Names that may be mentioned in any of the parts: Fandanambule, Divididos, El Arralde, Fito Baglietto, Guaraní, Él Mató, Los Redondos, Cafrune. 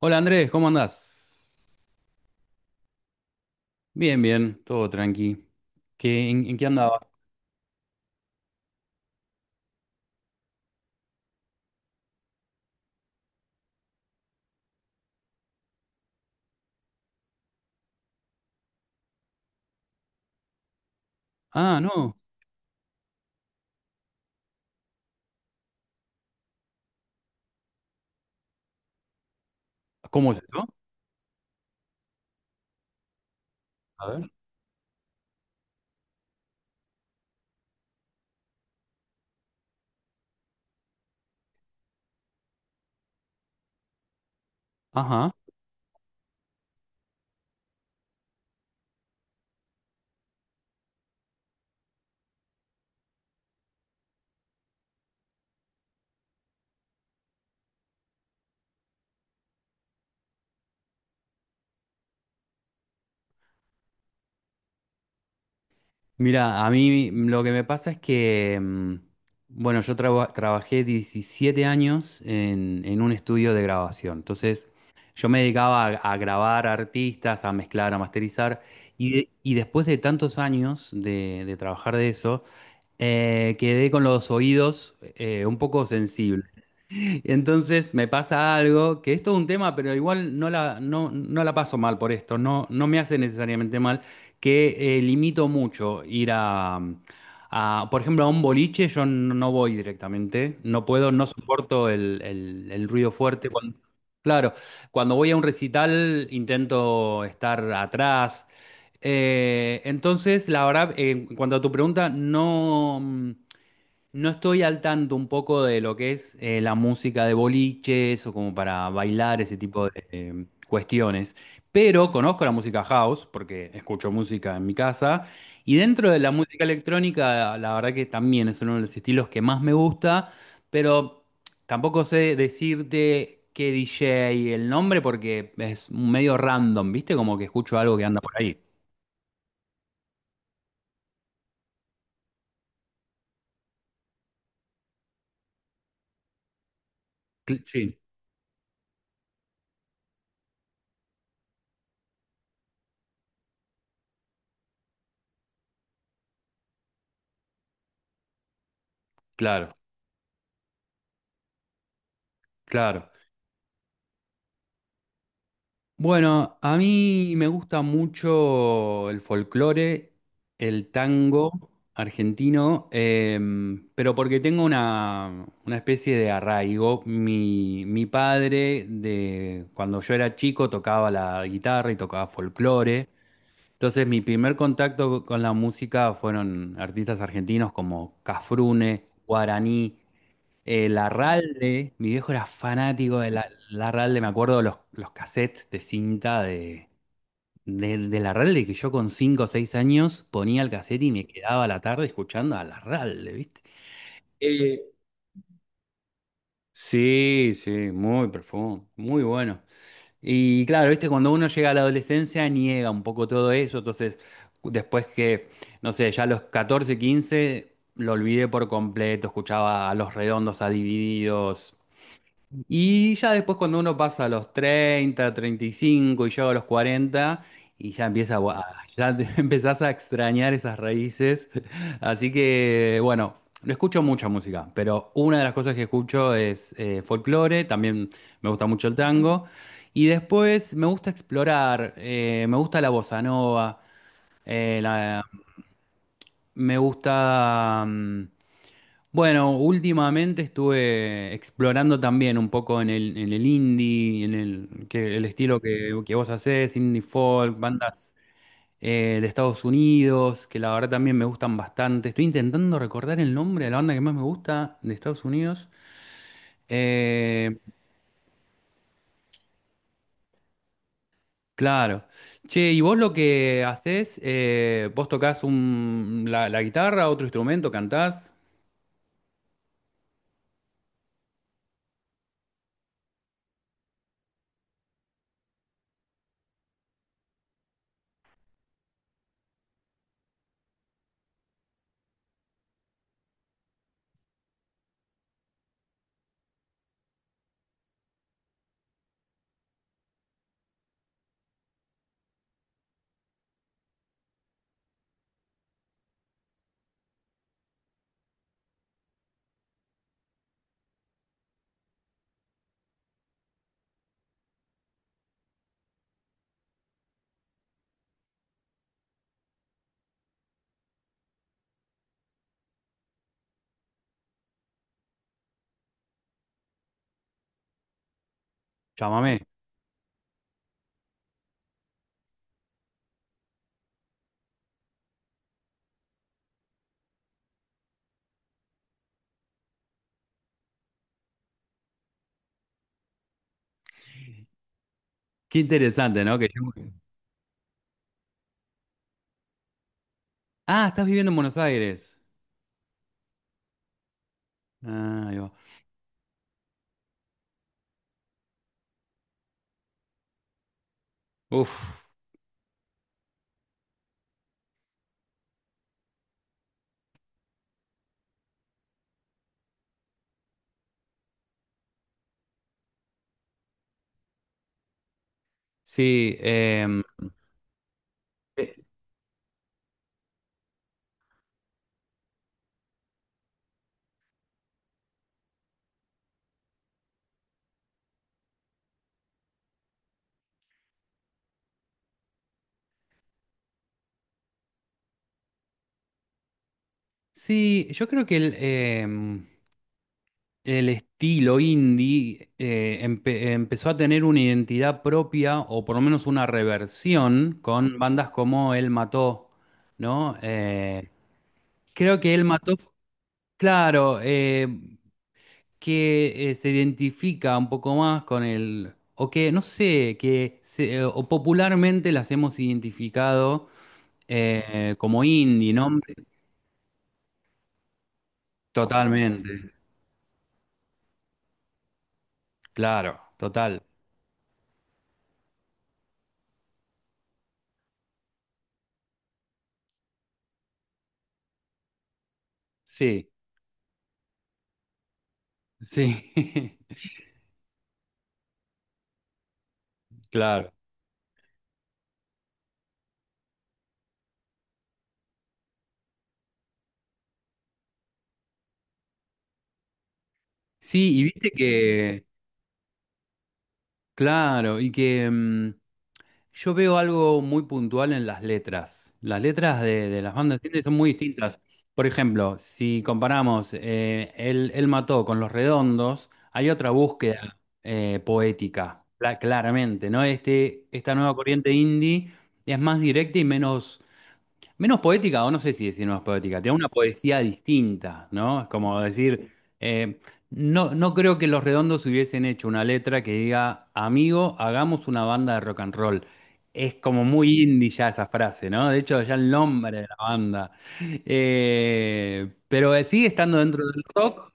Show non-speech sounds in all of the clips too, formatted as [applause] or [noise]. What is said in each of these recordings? Hola Andrés, ¿cómo andás? Bien, bien, todo tranqui. ¿En qué andabas? Ah, no. ¿Cómo es eso? A ver. Ajá. Mira, a mí lo que me pasa es que, bueno, trabajé 17 años en un estudio de grabación. Entonces, yo me dedicaba a grabar artistas, a mezclar, a masterizar. Y después de tantos años de trabajar de eso, quedé con los oídos un poco sensibles. Entonces me pasa algo, que esto es un tema, pero igual no la paso mal por esto, no me hace necesariamente mal, que limito mucho ir a, por ejemplo, a un boliche, yo no voy directamente, no puedo, no soporto el ruido fuerte. Claro, cuando voy a un recital intento estar atrás. Entonces, la verdad, en cuanto a tu pregunta, no estoy al tanto un poco de lo que es la música de boliches o como para bailar ese tipo de cuestiones, pero conozco la música house porque escucho música en mi casa, y dentro de la música electrónica la verdad que también es uno de los estilos que más me gusta, pero tampoco sé decirte qué DJ y el nombre porque es medio random, ¿viste? Como que escucho algo que anda por ahí. Sí, claro, claro. Bueno, a mí me gusta mucho el folclore, el tango argentino, pero porque tengo una especie de arraigo. Mi padre, de, cuando yo era chico, tocaba la guitarra y tocaba folclore. Entonces mi primer contacto con la música fueron artistas argentinos como Cafrune, Guaraní. El Arralde, mi viejo era fanático de la, el Arralde, me acuerdo de los cassettes de cinta de, del Arralde, que yo con 5 o 6 años ponía el cassette y me quedaba la tarde escuchando al Arralde, ¿viste? Eh, Sí, sí, muy profundo, muy bueno. Y claro, viste, cuando uno llega a la adolescencia niega un poco todo eso, entonces después que, no sé, ya a los 14, 15 lo olvidé por completo, escuchaba a Los Redondos, a Divididos. Y ya después cuando uno pasa a los 30, 35 y llega a los 40 y ya empieza, [laughs] empezás a extrañar esas raíces. [laughs] Así que bueno, no escucho mucha música, pero una de las cosas que escucho es folclore, también me gusta mucho el tango. Y después me gusta explorar, me gusta la bossa nova, eh, la- me gusta... bueno, últimamente estuve explorando también un poco en el indie, en el, que, el estilo que vos hacés, indie folk, bandas de Estados Unidos, que la verdad también me gustan bastante. Estoy intentando recordar el nombre de la banda que más me gusta de Estados Unidos. Eh, claro. Che, ¿y vos lo que hacés, vos tocás un, la guitarra, otro instrumento, cantás? Llámame. Qué interesante, ¿no? Ah, estás viviendo en Buenos Aires. Ah, ahí va. Uf, sí, sí, yo creo que el, el estilo indie empezó a tener una identidad propia o por lo menos una reversión con bandas como Él Mató, ¿no? Creo que Él Mató, claro, que se identifica un poco más con el, o que, no sé, o popularmente las hemos identificado como indie, ¿no? Totalmente. Claro, total. Sí, sí, [laughs] claro. Sí, y viste que, claro, y que yo veo algo muy puntual en las letras. Las letras de las bandas, ¿entiendes?, son muy distintas. Por ejemplo, si comparamos Él Mató con Los Redondos, hay otra búsqueda poética, claramente, ¿no? Esta nueva corriente indie es más directa y menos, menos poética, o no sé si decir menos poética, tiene una poesía distinta, ¿no? Es como decir, eh, no creo que Los Redondos hubiesen hecho una letra que diga, amigo, hagamos una banda de rock and roll. Es como muy indie ya esa frase, ¿no? De hecho, ya el nombre de la banda. Pero sigue estando dentro del rock.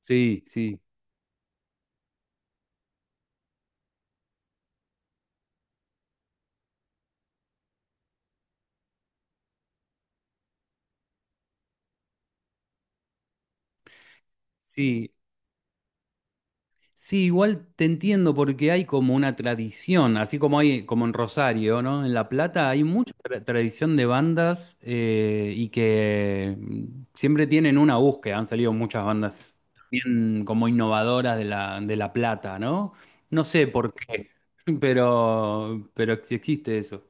Sí, sí, sí. Sí, igual te entiendo porque hay como una tradición, así como hay como en Rosario, ¿no? En La Plata hay mucha tradición de bandas y que siempre tienen una búsqueda, han salido muchas bandas bien como innovadoras de La Plata, ¿no? No sé por qué, [laughs] pero sí existe eso.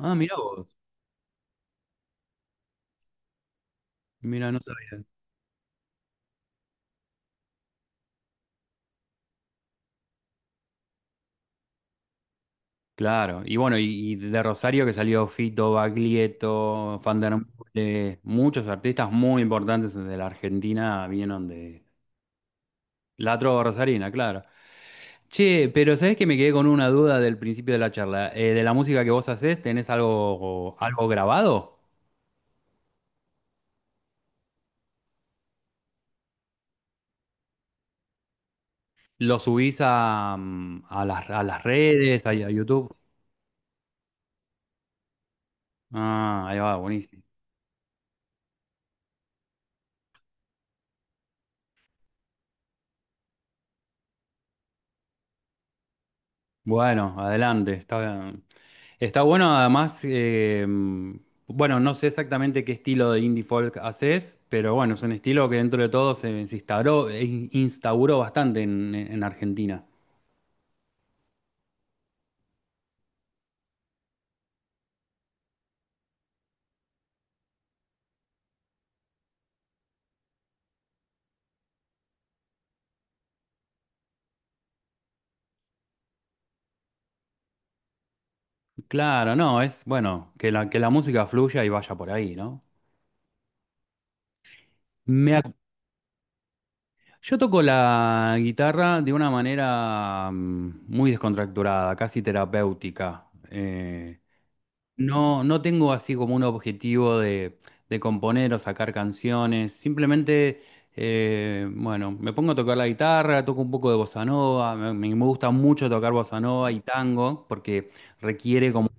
Ah, mirá vos, mira, no sabía. Claro, y bueno, y de Rosario que salió Fito, Baglietto, Fandanambule, muchos artistas muy importantes de la Argentina vinieron de la trova rosarina, claro. Che, pero ¿sabés que me quedé con una duda del principio de la charla? De la música que vos hacés, ¿tenés algo, algo grabado? ¿Lo subís a, a las redes, a YouTube? Ah, ahí va, buenísimo. Bueno, adelante. Está, está bueno, además, bueno, no sé exactamente qué estilo de indie folk haces, pero bueno, es un estilo que dentro de todo se, se instauró, instauró bastante en Argentina. Claro, no, es bueno que la música fluya y vaya por ahí, ¿no? Me ac- Yo toco la guitarra de una manera muy descontracturada, casi terapéutica. No, no tengo así como un objetivo de componer o sacar canciones. Simplemente, bueno, me pongo a tocar la guitarra, toco un poco de bossa nova. Me gusta mucho tocar bossa nova y tango porque requiere como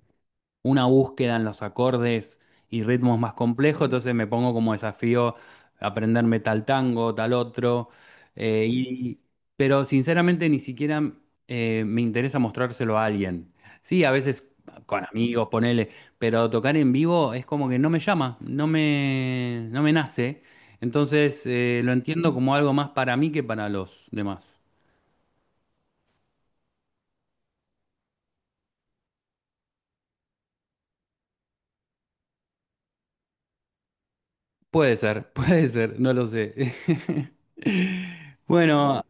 una búsqueda en los acordes y ritmos más complejos, entonces me pongo como desafío aprenderme tal tango, tal otro, eh, y, pero sinceramente ni siquiera me interesa mostrárselo a alguien. Sí, a veces con amigos, ponele, pero tocar en vivo es como que no me llama, no me nace, entonces lo entiendo como algo más para mí que para los demás. Puede ser, [laughs] puede ser, no lo sé. [laughs] Bueno,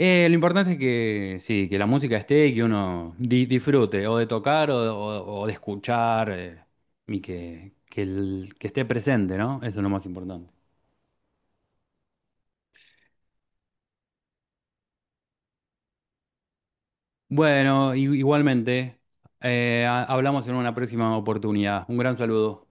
Lo importante es que sí, que la música esté y que uno disfrute o de tocar o de escuchar, y que, que esté presente, ¿no? Eso es lo más importante. Bueno, igualmente, hablamos en una próxima oportunidad. Un gran saludo.